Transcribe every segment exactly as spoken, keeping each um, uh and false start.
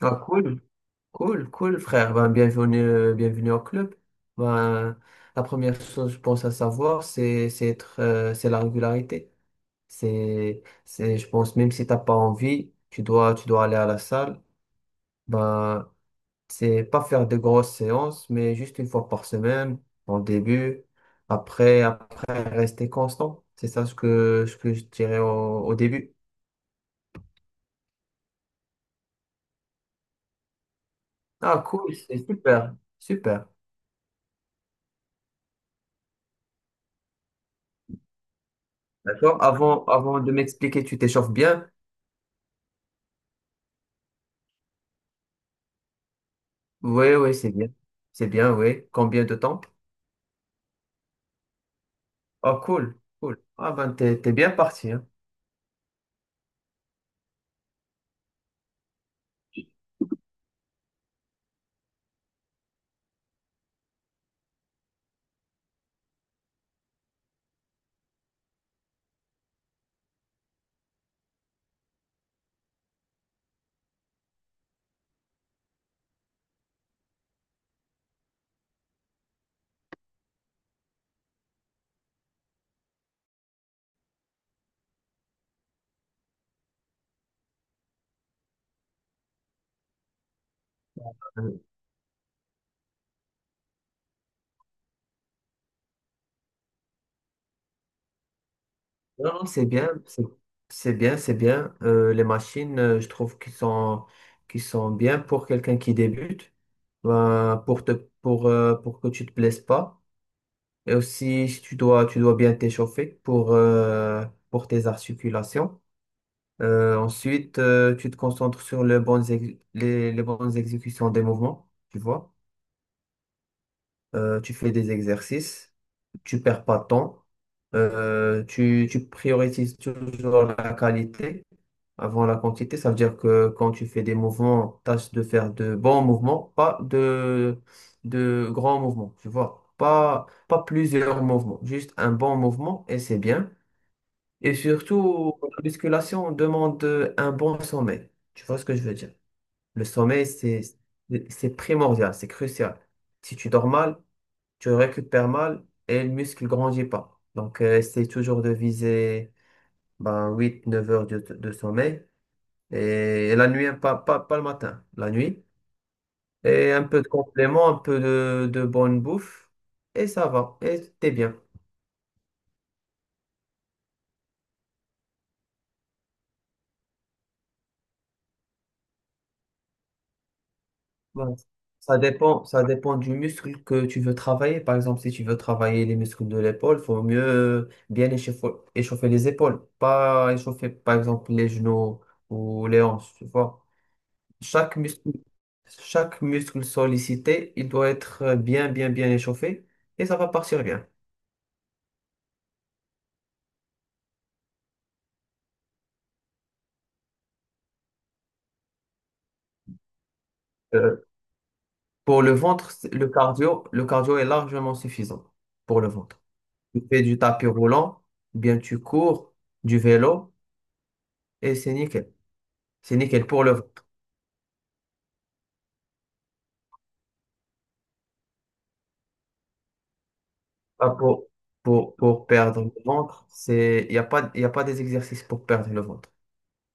Ah, cool, cool, cool, frère. Ben, bienvenue, euh, bienvenue au club. Ben, la première chose, je pense, à savoir, c'est, c'est être, euh, c'est la régularité. C'est, c'est, je pense, même si t'as pas envie, tu dois, tu dois aller à la salle. Ben, c'est pas faire de grosses séances, mais juste une fois par semaine, en début. Après, après, rester constant. C'est ça ce que, ce que je dirais au, au début. Ah, cool, c'est super, super. D'accord? Avant, avant de m'expliquer, tu t'échauffes bien. Oui, oui, c'est bien. C'est bien, oui. Combien de temps? Oh, cool, cool. Ah ben, t'es, t'es bien parti, hein. Euh, Non, non, c'est bien, c'est c'est bien, c'est bien. Euh, les machines, euh, je trouve qu'ils sont, qu'ils sont bien pour quelqu'un qui débute, ben, pour te, pour, euh, pour que tu te blesses pas. Et aussi, si tu dois, tu dois bien t'échauffer pour, euh, pour tes articulations. Euh, ensuite, euh, tu te concentres sur les bonnes, ex- les, les bonnes exécutions des mouvements, tu vois. Euh, tu fais des exercices, tu perds pas de temps, euh, tu, tu priorises toujours la qualité avant la quantité. Ça veut dire que quand tu fais des mouvements, tâche de faire de bons mouvements, pas de, de grands mouvements, tu vois. Pas, pas plusieurs mouvements, juste un bon mouvement et c'est bien. Et surtout, la musculation demande un bon sommeil. Tu vois ce que je veux dire? Le sommeil, c'est, c'est primordial, c'est crucial. Si tu dors mal, tu récupères mal et le muscle grandit pas. Donc, euh, essaye toujours de viser ben, huit neuf heures de, de sommeil. Et, et la nuit, hein, pas, pas, pas le matin, la nuit. Et un peu de complément, un peu de, de bonne bouffe. Et ça va, et t'es bien. Voilà. Ça dépend, ça dépend du muscle que tu veux travailler. Par exemple, si tu veux travailler les muscles de l'épaule, il faut mieux euh, bien échauffer, échauffer les épaules. Pas échauffer, par exemple, les genoux ou les hanches, tu vois. Chaque muscle, chaque muscle sollicité, il doit être euh, bien, bien, bien échauffé et ça va partir bien. Euh, pour le ventre, c'est- le cardio, le cardio est largement suffisant pour le ventre. Tu fais du tapis roulant, bien tu cours, du vélo et c'est nickel. C'est nickel pour le ventre. Ah, pour, pour, pour perdre le ventre, c'est, il n'y a pas, il a pas des exercices pour perdre le ventre.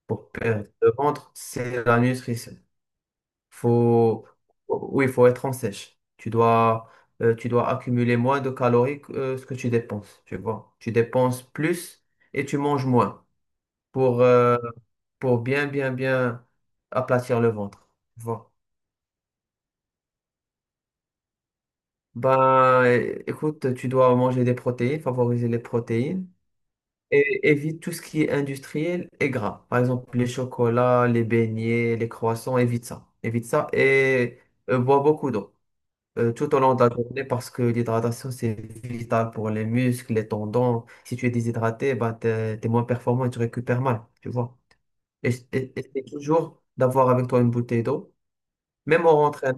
Pour perdre le ventre, c'est la nutrition. Faut, oui, il faut être en sèche. Tu dois, euh, tu dois accumuler moins de calories que euh, ce que tu dépenses. Tu vois, tu dépenses plus et tu manges moins pour, euh, pour bien, bien, bien aplatir le ventre. Tu vois. Ben, é- écoute, tu dois manger des protéines, favoriser les protéines. Et évite tout ce qui est industriel et gras. Par exemple, les chocolats, les beignets, les croissants, évite ça. Évite ça et euh, bois beaucoup d'eau euh, tout au long de la journée parce que l'hydratation, c'est vital pour les muscles, les tendons. Si tu es déshydraté, bah, t'es, t'es moins performant et tu récupères mal, tu vois. Et, et- essaie toujours d'avoir avec toi une bouteille d'eau, même en rentrant.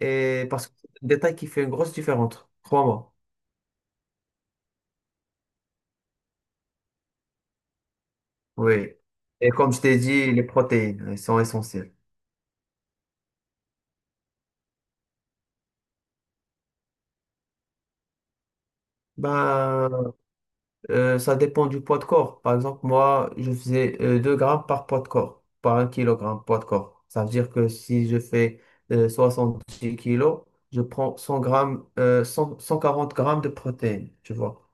Et parce que c'est un détail qui fait une grosse différence, crois-moi. Oui. Et comme je t'ai dit, les protéines, elles sont essentielles. Ben, Euh, ça dépend du poids de corps. Par exemple, moi, je faisais euh, 2 grammes par poids de corps, par un kilogramme poids de corps. Ça veut dire que si je fais euh, dix kilos, je prends cent grammes, euh, cent cent quarante grammes de protéines, tu vois.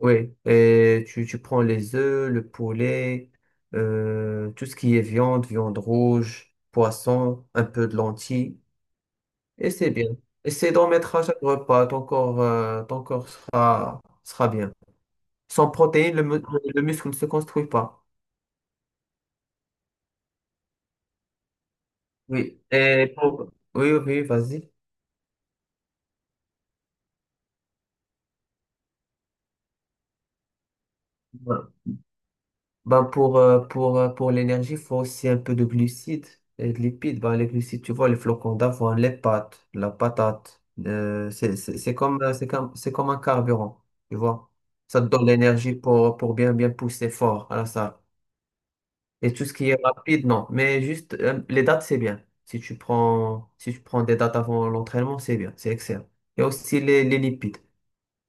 Oui, et tu, tu prends les œufs, le poulet, euh, tout ce qui est viande, viande rouge, poisson, un peu de lentilles, et c'est bien. Essaie d'en mettre à chaque repas, ton corps, euh, ton corps sera, sera bien. Sans protéines, le, mu- le muscle ne se construit pas. Oui. Et pour... Oui, oui, vas-y. Ben, ben, pour, euh, pour, euh, pour l'énergie, il faut aussi un peu de glucides et de lipides. Ben, les glucides, tu vois, les flocons d'avoine, les pâtes, la patate. Euh, c'est c'est- c'est comme, euh, c'est comme, c'est comme un carburant, tu vois. Ça te donne l'énergie pour, pour bien, bien pousser fort à la salle. Et tout ce qui est rapide, non. Mais juste, euh, les dates, c'est bien. Si tu prends, si tu prends des dates avant l'entraînement, c'est bien, c'est excellent. Et aussi les, les lipides.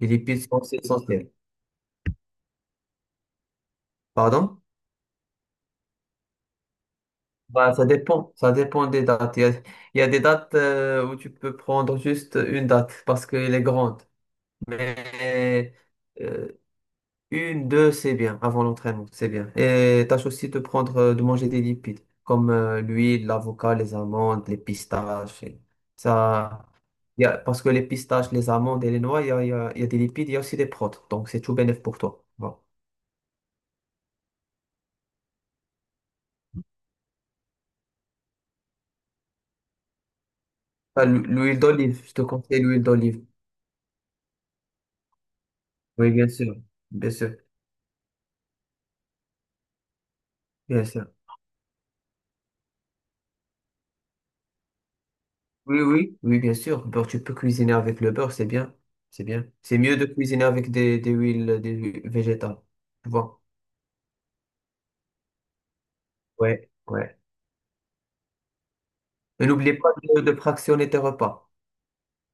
Les lipides sont aussi essentielles. Pardon? Bah, ça dépend. Ça dépend des dates. Il y a, il y a des dates euh, où tu peux prendre juste une date parce qu'elle est grande. Et, euh, une, deux, c'est bien. Avant l'entraînement, c'est bien. Et tâche aussi de prendre, euh, de manger des lipides comme euh, l'huile, l'avocat, les amandes, les pistaches. Et ça, il y a, parce que les pistaches, les amandes et les noix, il y a, il y a, il y a des lipides, il y a aussi des protes. Donc, c'est tout bénéf pour toi. Voilà. Ah, l'hu- l'huile d'olive, je te conseille l'huile d'olive. Oui, bien sûr. Bien sûr. Bien sûr. Oui, oui, oui, bien sûr. Beurre, tu peux cuisiner avec le beurre, c'est bien. C'est bien. C'est mieux de cuisiner avec des, des huiles, des huiles végétales. Tu vois? Ouais, ouais. Et n'oublie pas de, de fractionner tes repas.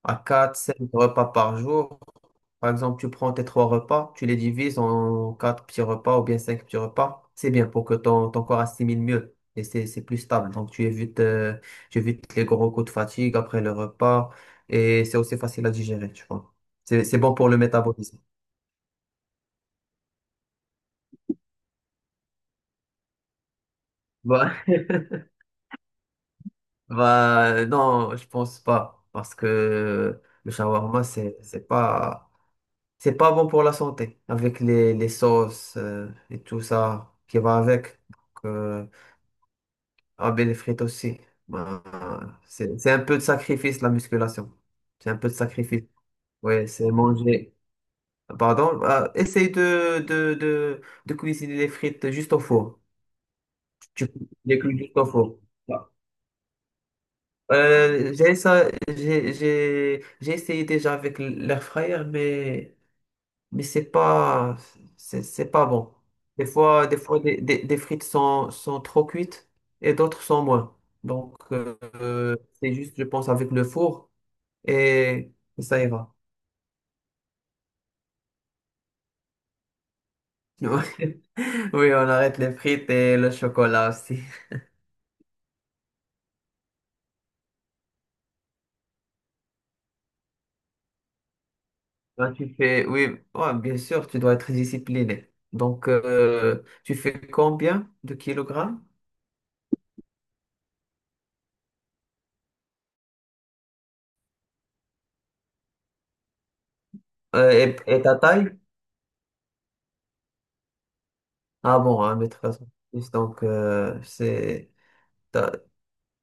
À quatre cinq repas par jour. Par exemple, tu prends tes trois repas, tu les divises en quatre petits repas ou bien cinq petits repas. C'est bien pour que ton, ton corps assimile mieux. Et c'est, c'est plus stable. Donc, tu évites, euh, tu évites les gros coups de fatigue après le repas. Et c'est aussi facile à digérer, tu vois. C'est, c'est bon pour le métabolisme. Bah, bah, non, je pense pas. Parce que le shawarma, c'est, c'est pas, c'est pas bon pour la santé. Avec les, les sauces euh, et tout ça qui va avec. Donc, euh, ah, ben, les frites aussi. Bah, c'est, c'est un peu de sacrifice, la musculation. C'est un peu de sacrifice. Ouais, c'est manger. Pardon, bah, essaye de, de, de, de cuisiner les frites juste au four. Tu tu les cuis juste au four. Voilà. Euh, j'ai ça, j'ai, j'ai, j'ai essayé déjà avec l'air fryer, mais, mais c'est pas, c'est, c'est pas bon. Des fois, des fois, des, des, des frites sont, sont trop cuites et d'autres sont moins. Donc, euh, c'est juste, je pense, avec le four et ça ira. Oui, on arrête les frites et le chocolat aussi. Toi, tu fais, oui, ouais, bien sûr, tu dois être discipliné. Donc, euh, tu fais combien de kilogrammes? Euh, et, et ta taille? Ah bon, un mais de façon, donc euh, c'est t'as,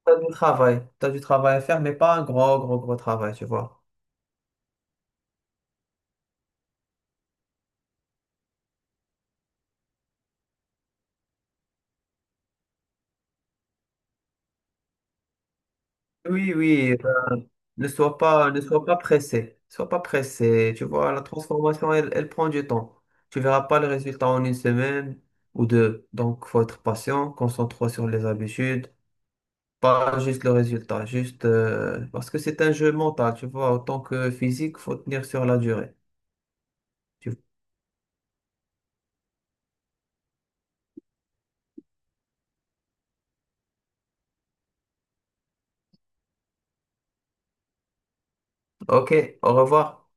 t'as du travail, t'as du travail à faire, mais pas un gros, gros, gros travail, tu vois. Oui, oui, ne sois pas, ne sois pas pressé, sois pas pressé, tu vois, la transformation, elle, elle prend du temps. Tu verras pas le résultat en une semaine ou deux, donc faut être patient, concentre-toi sur les habitudes. Pas juste le résultat, juste euh, parce que c'est un jeu mental, tu vois, autant que physique, faut tenir sur la durée. Tu- Ok, au revoir.